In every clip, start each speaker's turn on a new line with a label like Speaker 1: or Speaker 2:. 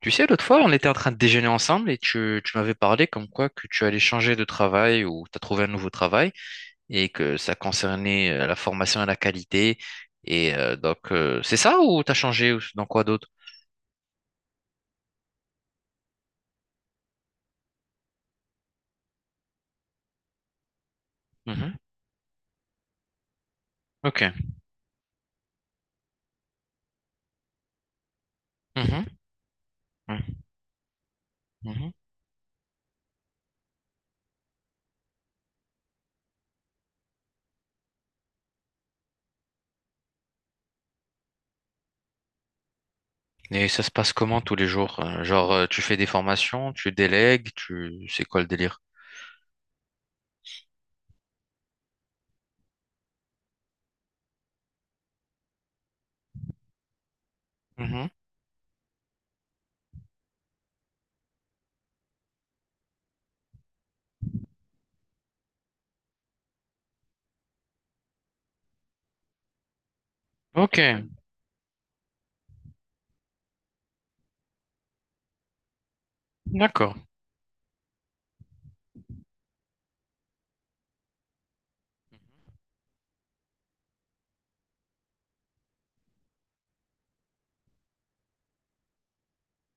Speaker 1: Tu sais, l'autre fois, on était en train de déjeuner ensemble et tu m'avais parlé comme quoi que tu allais changer de travail ou tu as trouvé un nouveau travail et que ça concernait la formation et la qualité. Et donc, c'est ça ou tu as changé ou dans quoi d'autre? Mhm. Ok. Mhm. Mhm. Mhm. Et ça se passe comment tous les jours? Genre, tu fais des formations, tu délègues, c'est quoi le délire? Mhm. Ok, d'accord.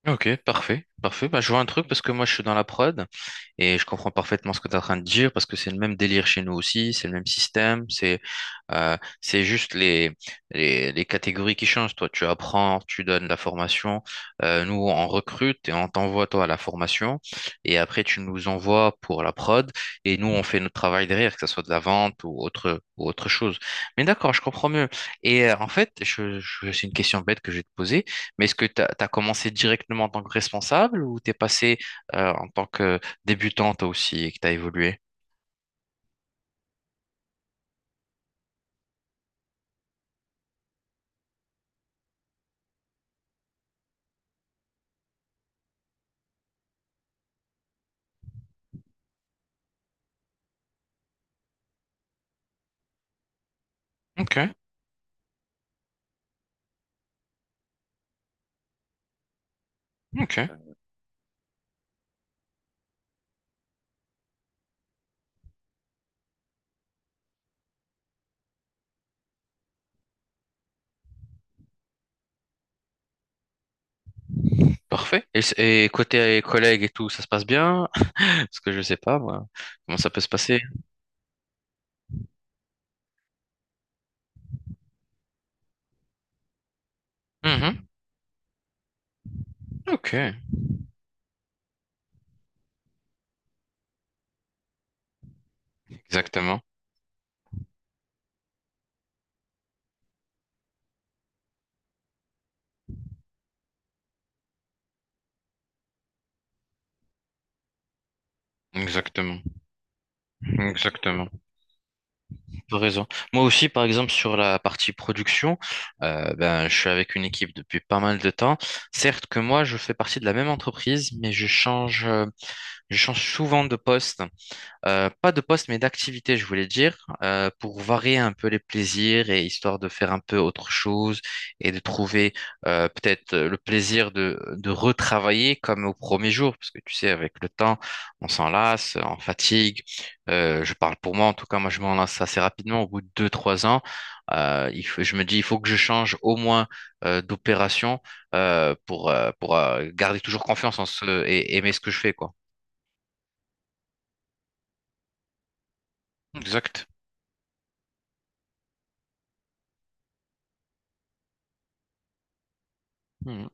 Speaker 1: Ok, parfait, parfait. Bah, je vois un truc parce que moi je suis dans la prod. Et je comprends parfaitement ce que tu es en train de dire parce que c'est le même délire chez nous aussi, c'est le même système, c'est juste les catégories qui changent. Toi, tu apprends, tu donnes la formation. Nous, on recrute et on t'envoie, toi, à la formation. Et après, tu nous envoies pour la prod, et nous, on fait notre travail derrière, que ce soit de la vente ou autre chose. Mais d'accord, je comprends mieux. Et en fait, je- c'est une question bête que je vais te poser, mais est-ce que tu as commencé directement en tant que responsable ou tu es passé en tant que débutant toi aussi et que tu as évolué. Ok, ok, parfait. Et et côté collègues et tout, ça se passe bien? Parce que je sais pas, moi, comment ça peut se passer? Mhm. Ok, exactement, exactement, exactement. T'as raison. Moi aussi, par exemple, sur la partie production, ben, je suis avec une équipe depuis pas mal de temps. Certes que moi, je fais partie de la même entreprise, mais je change souvent de poste. Pas de poste, mais d'activité, je voulais dire, pour varier un peu les plaisirs et histoire de faire un peu autre chose et de trouver peut-être le plaisir de retravailler comme au premier jour, parce que tu sais, avec le temps, on s'en lasse, on fatigue. Je parle pour moi, en tout cas, moi, je m'en lasse assez rapidement, au bout de deux, trois ans. Je me dis, il faut que je change au moins d'opération pour garder toujours confiance en ce et aimer ce que je fais, quoi. Exact. Hmm.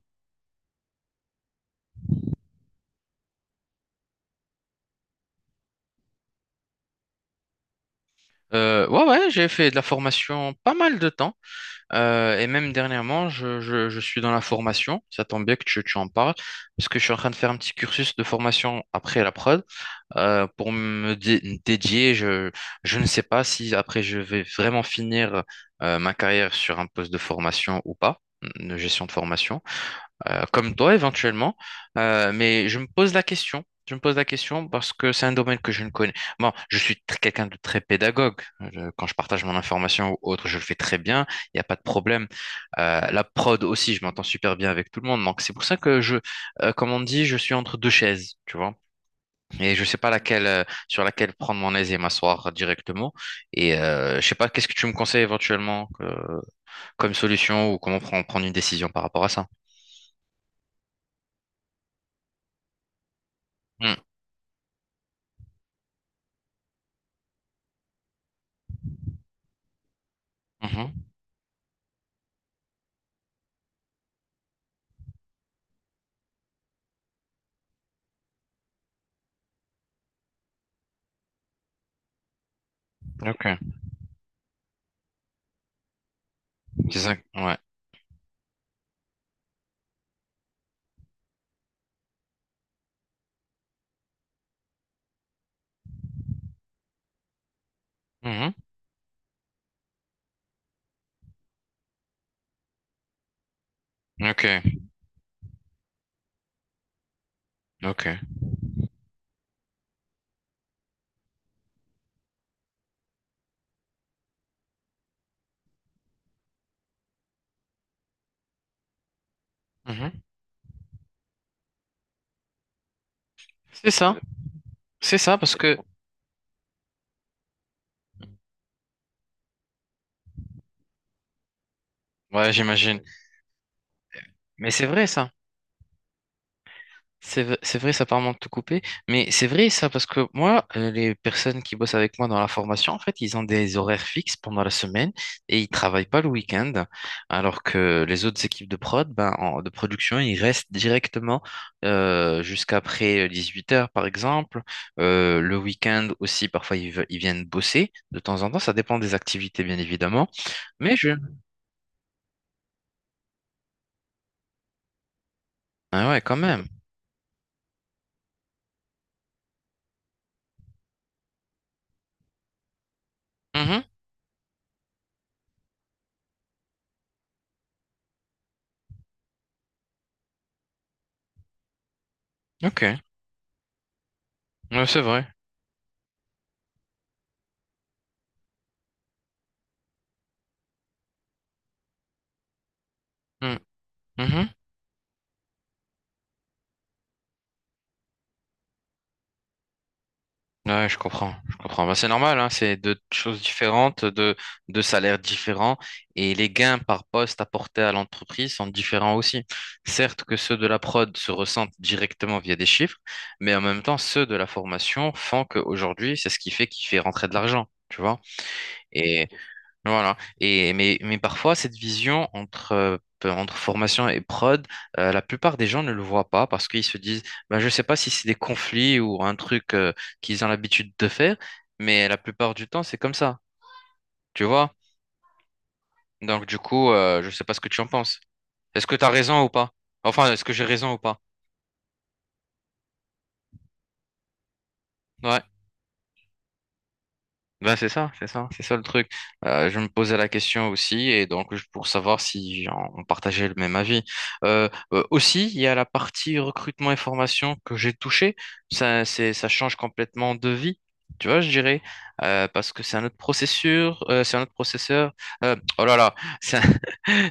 Speaker 1: Ouais, ouais, j'ai fait de la formation pas mal de temps. Et même dernièrement, je suis dans la formation. Ça tombe bien que tu en parles, parce que je suis en train de faire un petit cursus de formation après la prod. Dédier, je ne sais pas si après je vais vraiment finir ma carrière sur un poste de formation ou pas, de gestion de formation comme toi éventuellement, mais je me pose la question. Je me pose la question parce que c'est un domaine que je ne connais. Bon, quelqu'un de très pédagogue. Je- quand je partage mon information ou autre, je le fais très bien. Il n'y a pas de problème. La prod aussi, je m'entends super bien avec tout le monde. Donc c'est pour ça que comme on dit, je suis entre deux chaises, tu vois. Et je sais pas laquelle, sur laquelle prendre mon aise et m'asseoir directement. Et je sais pas, qu'est-ce que tu me conseilles éventuellement comme solution ou comment prendre une décision par rapport à ça? Hmm. Mhm. Ok. C'est ça, ouais. Mhm. Ok, ok. Mhm. C'est ça, c'est ça, parce que, ouais, j'imagine. Mais c'est vrai, ça. C'est vrai, ça permet de tout couper, mais c'est vrai ça parce que moi, les personnes qui bossent avec moi dans la formation, en fait, ils ont des horaires fixes pendant la semaine et ils travaillent pas le week-end, alors que les autres équipes de prod, de production, ils restent directement jusqu'après 8 heures par exemple. Le week-end aussi, parfois ils viennent bosser de temps en temps, ça dépend des activités bien évidemment, mais ah ouais, quand même. Mhm. Ok, ouais, c'est vrai. Mm. Mhm. Ouais, je comprends, je comprends. Bah, c'est normal, hein, c'est deux choses différentes, deux salaires différents, et les gains par poste apportés à l'entreprise sont différents aussi. Certes que ceux de la prod se ressentent directement via des chiffres, mais en même temps, ceux de la formation font qu'aujourd'hui, c'est ce qui fait qu'il fait rentrer de l'argent, tu vois. Et voilà. Mais parfois, cette vision entre, entre formation et prod, la plupart des gens ne le voient pas parce qu'ils se disent, ben, je ne sais pas si c'est des conflits ou un truc qu'ils ont l'habitude de faire, mais la plupart du temps, c'est comme ça. Tu vois? Donc, du coup, je ne sais pas ce que tu en penses. Est-ce que tu as raison ou pas? Enfin, est-ce que j'ai raison ou pas? Ouais. Ben c'est ça, c'est ça, c'est ça le truc. Je me posais la question aussi, et donc pour savoir si on partageait le même avis. Aussi, il y a la partie recrutement et formation que j'ai touchée. Ça, ça change complètement de vie, tu vois, je dirais. Parce que c'est un autre processeur, c'est un autre processeur. Oh là là, c'est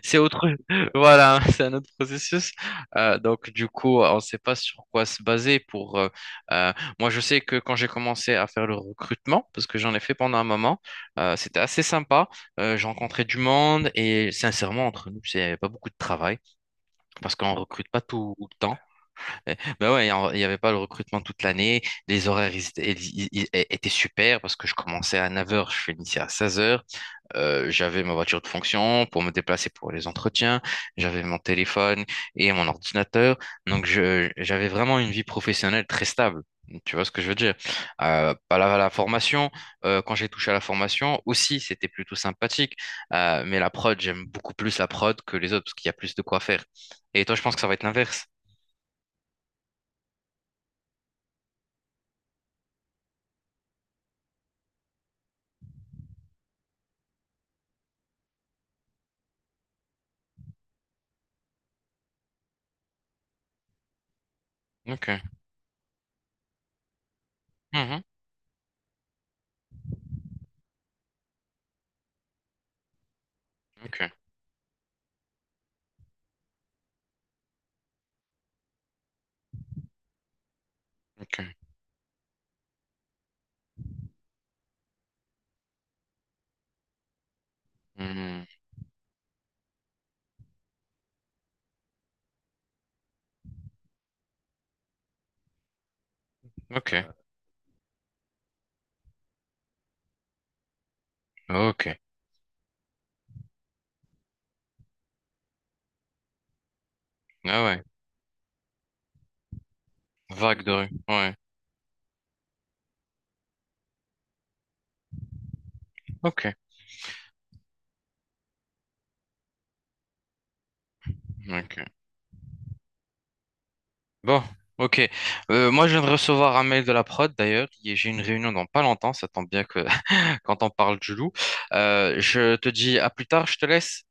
Speaker 1: c'est autre, voilà, c'est un autre processus. Donc, du coup, on ne sait pas sur quoi se baser pour. Euh, Moi, je sais que quand j'ai commencé à faire le recrutement, parce que j'en ai fait pendant un moment, c'était assez sympa. J'ai rencontré du monde et sincèrement, entre nous, c'est pas beaucoup de travail parce qu'on recrute pas tout le temps. Ben ouais, il n'y avait pas le recrutement toute l'année. Les horaires ils étaient super parce que je commençais à 9 heures, je finissais à 16 heures. J'avais ma voiture de fonction pour me déplacer pour les entretiens, j'avais mon téléphone et mon ordinateur. Donc, j'avais vraiment une vie professionnelle très stable. Tu vois ce que je veux dire? Pas la formation, quand j'ai touché à la formation aussi, c'était plutôt sympathique. Mais la prod, j'aime beaucoup plus la prod que les autres parce qu'il y a plus de quoi faire. Et toi, je pense que ça va être l'inverse. Ok. Mhm. Ok. Ok. Mhm. Ok. Ok. Ah ouais. Vague de rue. Ouais. Ok. Ok. Bon, ok. Moi, je viens de recevoir un mail de la prod, d'ailleurs, et j'ai une réunion dans pas longtemps. Ça tombe bien que quand on parle du loup. Je te dis à plus tard, je te laisse.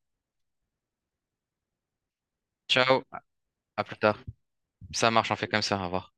Speaker 1: Ciao, à plus tard. Ça marche, on fait comme ça, au revoir.